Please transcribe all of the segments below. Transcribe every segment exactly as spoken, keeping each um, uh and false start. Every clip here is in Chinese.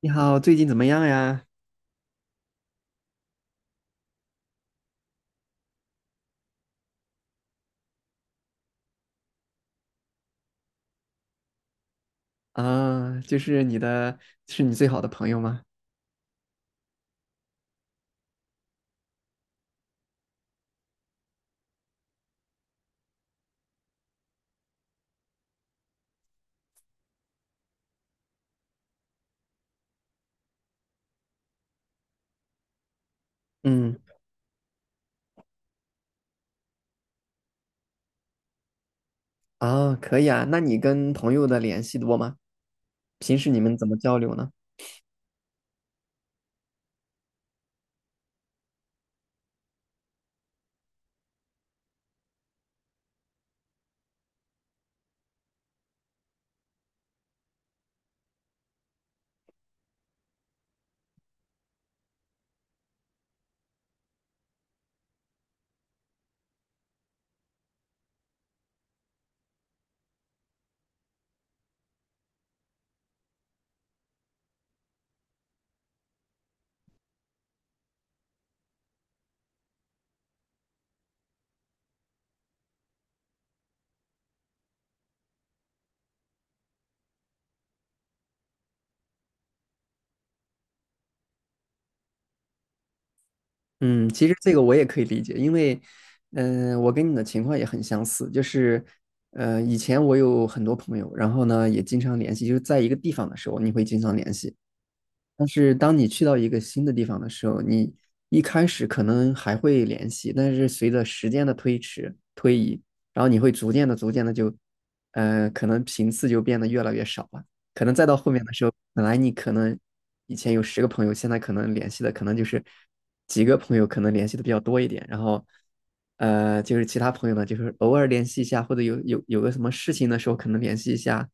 你好，最近怎么样呀？啊，就是你的，是你最好的朋友吗？嗯，啊，可以啊。那你跟朋友的联系多吗？平时你们怎么交流呢？嗯，其实这个我也可以理解，因为，嗯、我跟你的情况也很相似，就是，呃，以前我有很多朋友，然后呢也经常联系，就是在一个地方的时候，你会经常联系。但是当你去到一个新的地方的时候，你一开始可能还会联系，但是随着时间的推迟推移，然后你会逐渐的、逐渐的就，呃，可能频次就变得越来越少了。可能再到后面的时候，本来你可能以前有十个朋友，现在可能联系的可能就是几个朋友，可能联系的比较多一点。然后，呃，就是其他朋友呢，就是偶尔联系一下，或者有有有个什么事情的时候，可能联系一下，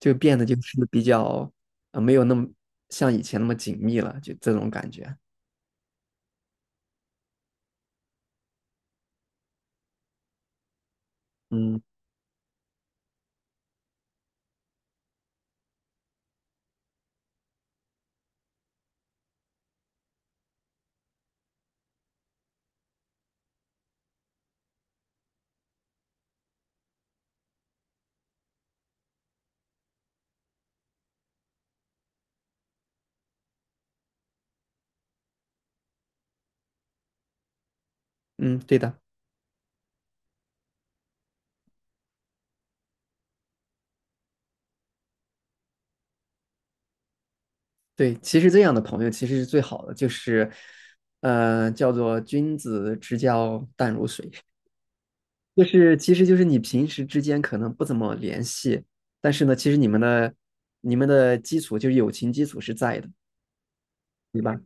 就变得就是比较。呃，没有那么像以前那么紧密了，就这种感觉。嗯嗯，对的，对，其实这样的朋友其实是最好的，就是呃，叫做君子之交淡如水，就是其实就是你平时之间可能不怎么联系，但是呢，其实你们的你们的基础就是友情基础是在的，对吧？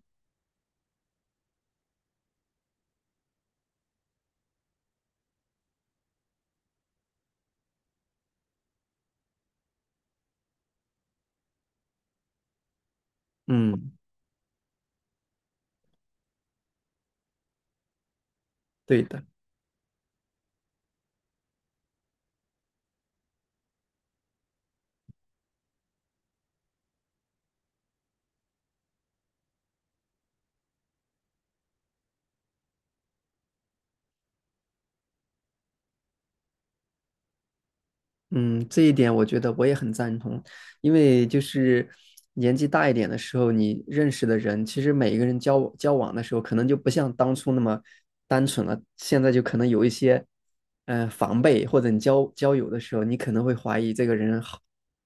嗯，对的。嗯，这一点我觉得我也很赞同，因为就是年纪大一点的时候，你认识的人，其实每一个人交往交往的时候，可能就不像当初那么单纯了，现在就可能有一些，呃，防备，或者你交交友的时候，你可能会怀疑这个人好，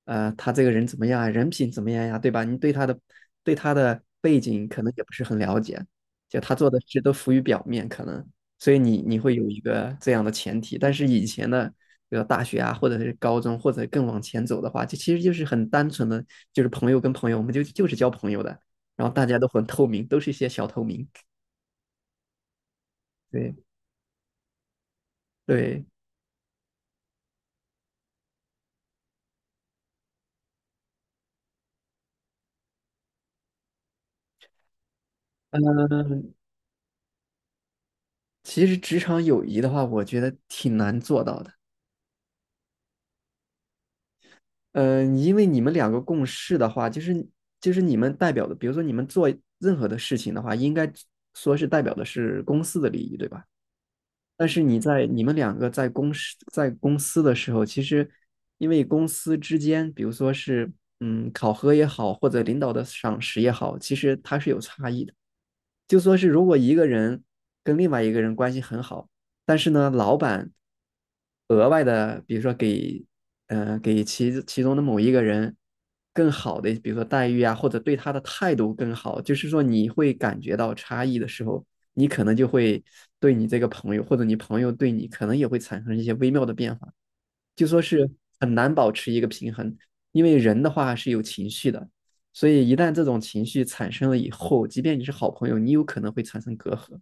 呃，他这个人怎么样啊，人品怎么样呀，对吧？你对他的对他的背景可能也不是很了解，就他做的事都浮于表面，可能。所以你你会有一个这样的前提，但是以前的比如大学啊，或者是高中，或者更往前走的话，就其实就是很单纯的，就是朋友跟朋友，我们就就是交朋友的，然后大家都很透明，都是一些小透明。对对，嗯，其实职场友谊的话，我觉得挺难做到的。嗯，因为你们两个共事的话，就是就是你们代表的，比如说你们做任何的事情的话，应该说是代表的是公司的利益，对吧？但是你在你们两个在公司在公司的时候，其实因为公司之间，比如说是嗯考核也好，或者领导的赏识也好，其实它是有差异的。就说是如果一个人跟另外一个人关系很好，但是呢，老板额外的，比如说给，呃，给其其中的某一个人更好的，比如说待遇啊，或者对他的态度更好，就是说你会感觉到差异的时候，你可能就会对你这个朋友，或者你朋友对你，可能也会产生一些微妙的变化，就说是很难保持一个平衡，因为人的话是有情绪的，所以一旦这种情绪产生了以后，即便你是好朋友，你有可能会产生隔阂。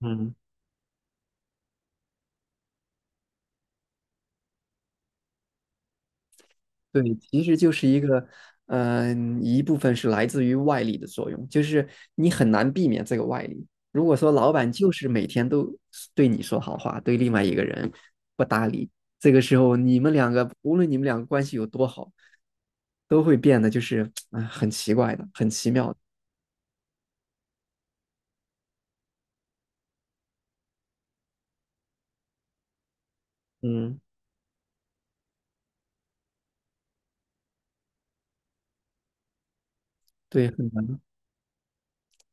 嗯，对，其实就是一个，嗯、一部分是来自于外力的作用，就是你很难避免这个外力。如果说老板就是每天都对你说好话，对另外一个人不搭理，这个时候你们两个，无论你们两个关系有多好，都会变得就是啊、很奇怪的，很奇妙的。嗯，对，很难，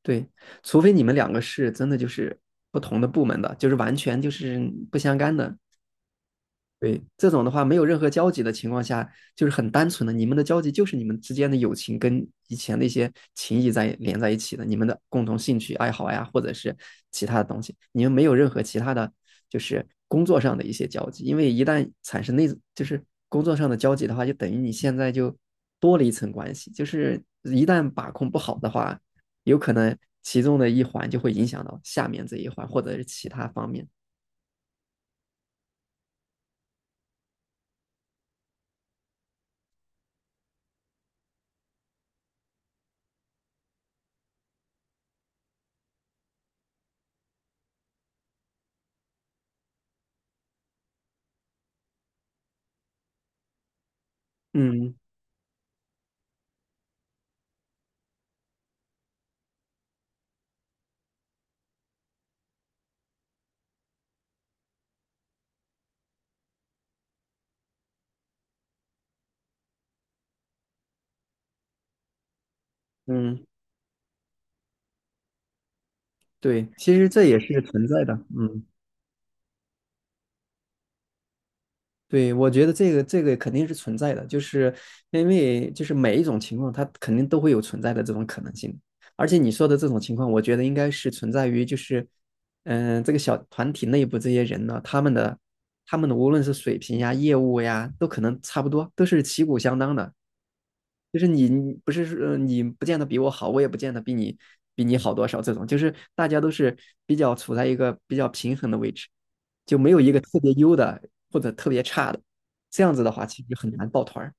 对，除非你们两个是真的就是不同的部门的，就是完全就是不相干的。对，这种的话没有任何交集的情况下，就是很单纯的，你们的交集就是你们之间的友情跟以前那些情谊在连在一起的，你们的共同兴趣爱好呀，或者是其他的东西，你们没有任何其他的，就是工作上的一些交集，因为一旦产生那，就是工作上的交集的话，就等于你现在就多了一层关系，就是一旦把控不好的话，有可能其中的一环就会影响到下面这一环，或者是其他方面。嗯嗯。对，其实这也是存在的，嗯，对，我觉得这个这个肯定是存在的，就是因为就是每一种情况，它肯定都会有存在的这种可能性，而且你说的这种情况，我觉得应该是存在于就是，嗯、这个小团体内部这些人呢，他们的他们的无论是水平呀、业务呀，都可能差不多，都是旗鼓相当的，就是你不是说呃你不见得比我好，我也不见得比你比你好多少，这种就是大家都是比较处在一个比较平衡的位置，就没有一个特别优的或者特别差的，这样子的话其实很难抱团儿。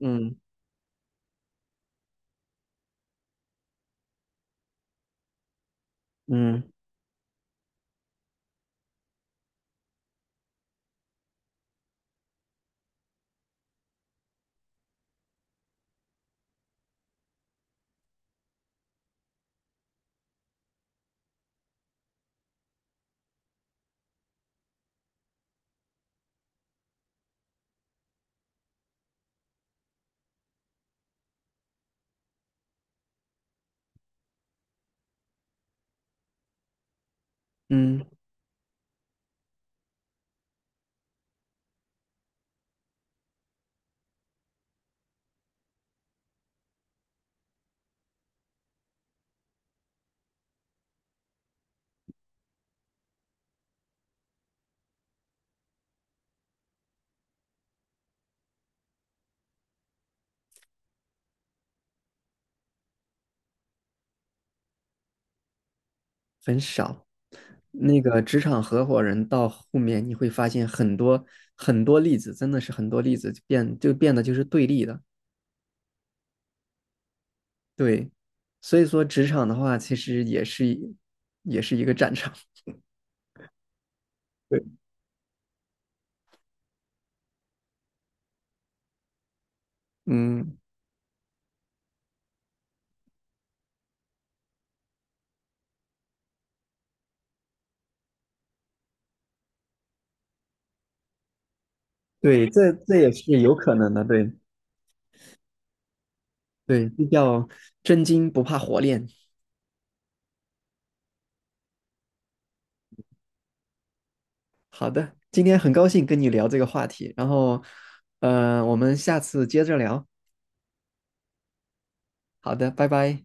嗯嗯嗯，很少。那个职场合伙人到后面你会发现很多很多例子，真的是很多例子就变就变得就是对立的，对。所以说职场的话，其实也是一也是一个战场。对，嗯。对，这这也是有可能的，对对，这叫真金不怕火炼。好的，今天很高兴跟你聊这个话题，然后，呃，我们下次接着聊。好的，拜拜。